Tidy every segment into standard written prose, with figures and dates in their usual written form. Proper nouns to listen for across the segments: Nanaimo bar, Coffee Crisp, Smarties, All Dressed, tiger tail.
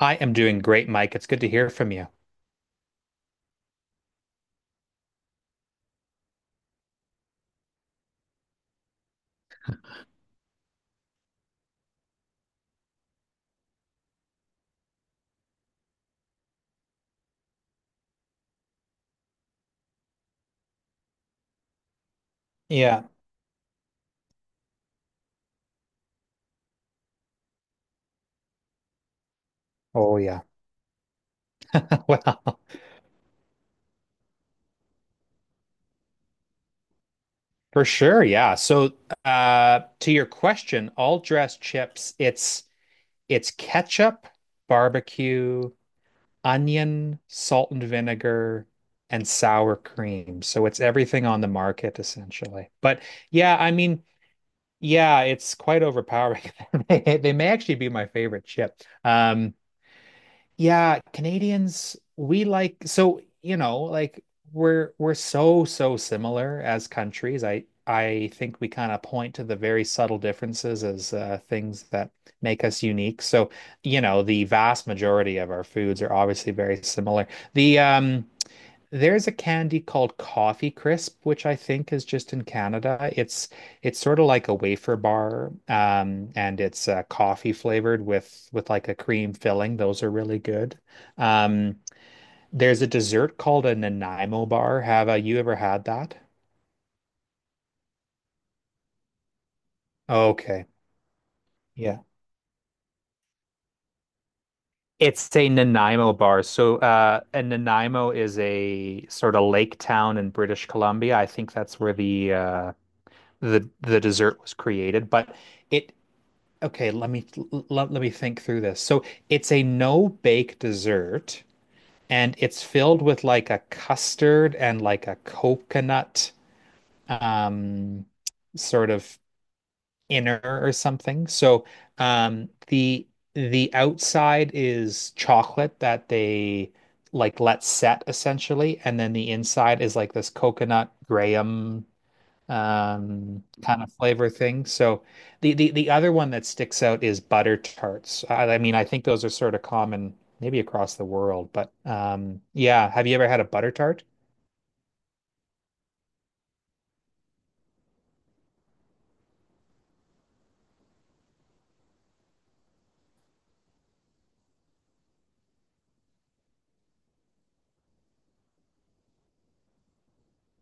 I am doing great, Mike. It's good to hear from you. Yeah. Oh, yeah. Well, for sure. Yeah. So, to your question, all dressed chips, it's ketchup, barbecue, onion, salt and vinegar, and sour cream. So it's everything on the market essentially. But yeah, I mean, yeah, it's quite overpowering. They may actually be my favorite chip. Yeah, Canadians, we like like we're so similar as countries. I think we kind of point to the very subtle differences as things that make us unique. So, you know, the vast majority of our foods are obviously very similar. The um there's a candy called Coffee Crisp, which I think is just in Canada. It's sort of like a wafer bar, and it's coffee flavored with like a cream filling. Those are really good. Um, there's a dessert called a Nanaimo bar. Have you ever had that? Okay, yeah. It's a Nanaimo bar. So, and Nanaimo is a sort of lake town in British Columbia. I think that's where the dessert was created, but. It, Okay, let me let me think through this. So it's a no-bake dessert and it's filled with like a custard and like a coconut um sort of inner or something. So um the the outside is chocolate that they like let set essentially, and then the inside is like this coconut graham kind of flavor thing. So the other one that sticks out is butter tarts. I mean, I think those are sort of common maybe across the world, but yeah, have you ever had a butter tart?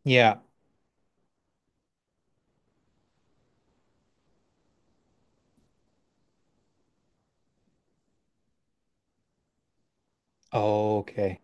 Yeah. Oh, okay.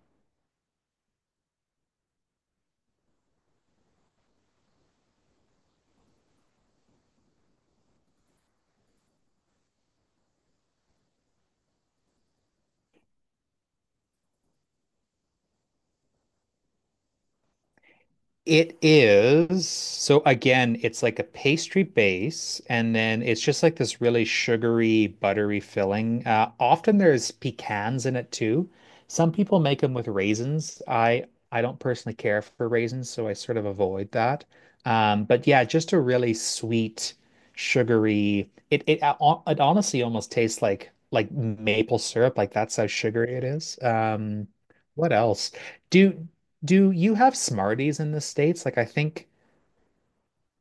It is. So again, it's like a pastry base, and then it's just like this really sugary, buttery filling. Often there's pecans in it too. Some people make them with raisins. I don't personally care for raisins, so I sort of avoid that. But yeah, just a really sweet, sugary. It honestly almost tastes like maple syrup. Like that's how sugary it is. What else? Do do you have Smarties in the States? Like I think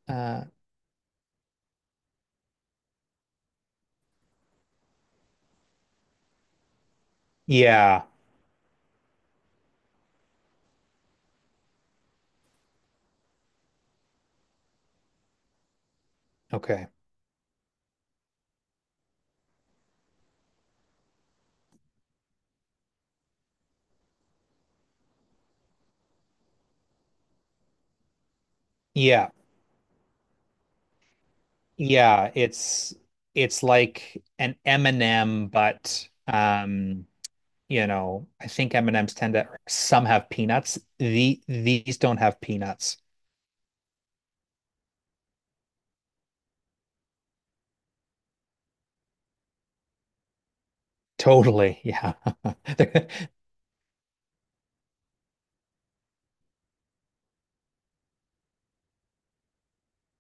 uh yeah, okay. Yeah. Yeah, it's like an M&M, but you know, I think M&Ms tend to some have peanuts. These don't have peanuts. Totally. Yeah.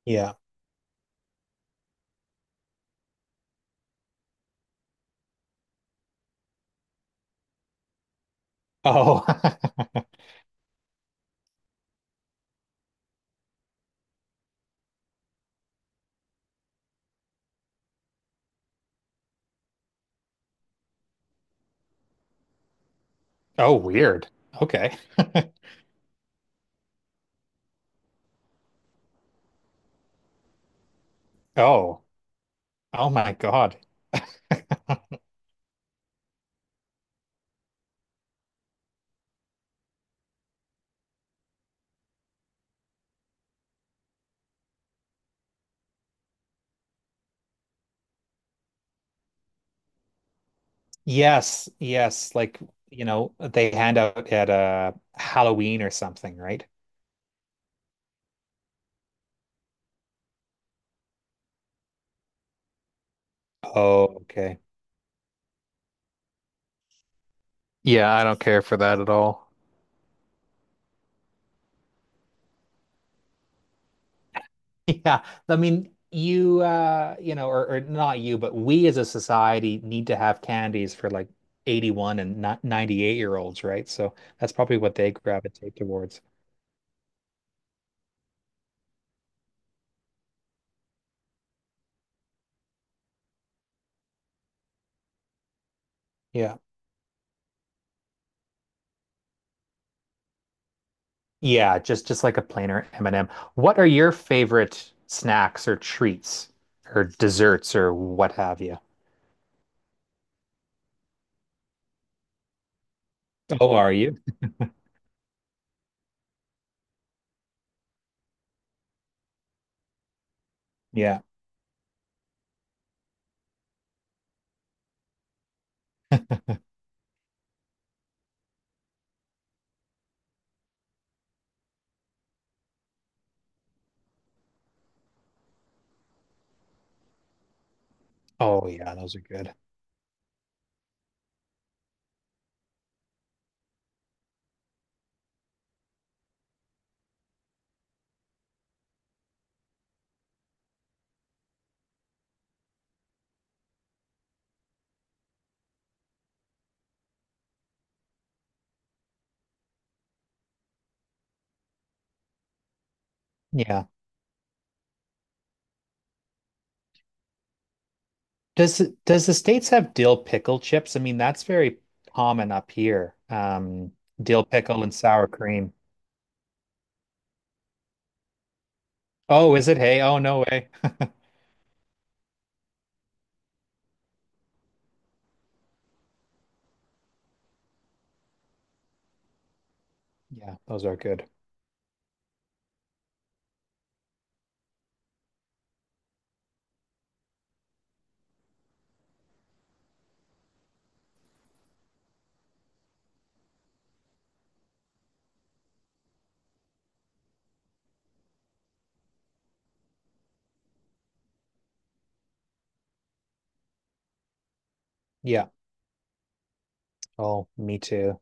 Yeah. Oh. Oh, weird. Okay. Oh. Oh my God. Yes, yes, like you know, they hand out at Halloween or something, right? Oh, okay. Yeah, I don't care for that at all. Yeah, I mean, you you know, or not you, but we as a society need to have candies for like 81 and not 98-year-olds, right? So that's probably what they gravitate towards. Yeah. Yeah, just like a plainer M&M. What are your favorite snacks or treats or desserts or what have you? Oh, are you? Yeah. Oh yeah, those are good. Yeah. Does does the States have dill pickle chips? I mean, that's very common up here. Dill pickle and sour cream. Oh, is it? Hey, oh no way. Yeah, those are good. Yeah. Oh, me too.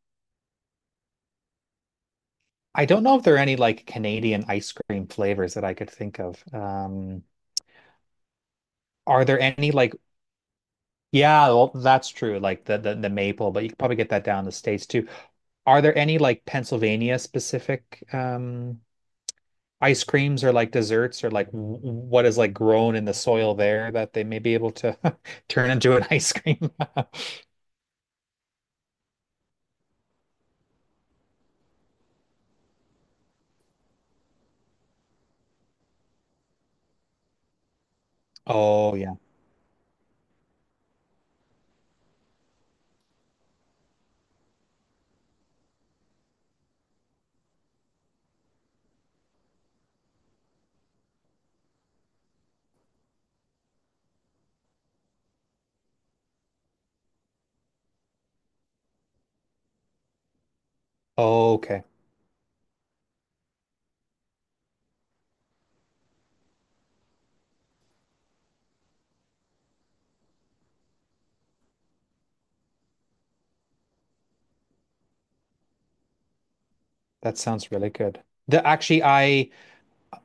I don't know if there are any like Canadian ice cream flavors that I could think of. Are there any like Yeah, well, that's true, like the maple, but you could probably get that down in the States too. Are there any like Pennsylvania specific ice creams or like desserts or like w- what is like grown in the soil there that they may be able to turn into an ice cream. Oh yeah. Okay. That sounds really good. The actually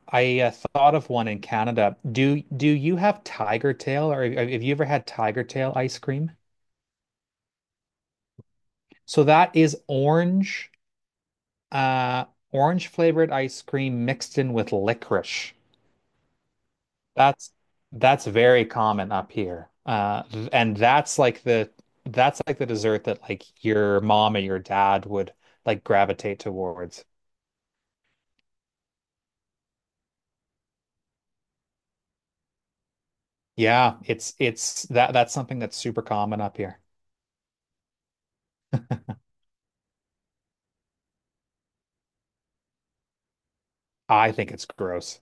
I thought of one in Canada. Do you have tiger tail, or have you ever had tiger tail ice cream? So that is orange uh orange flavored ice cream mixed in with licorice. That's that's very common up here. And that's like the dessert that like your mom or your dad would like gravitate towards. Yeah, it's that that's something that's super common up here. I think it's gross.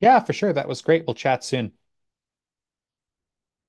Yeah, for sure. That was great. We'll chat soon.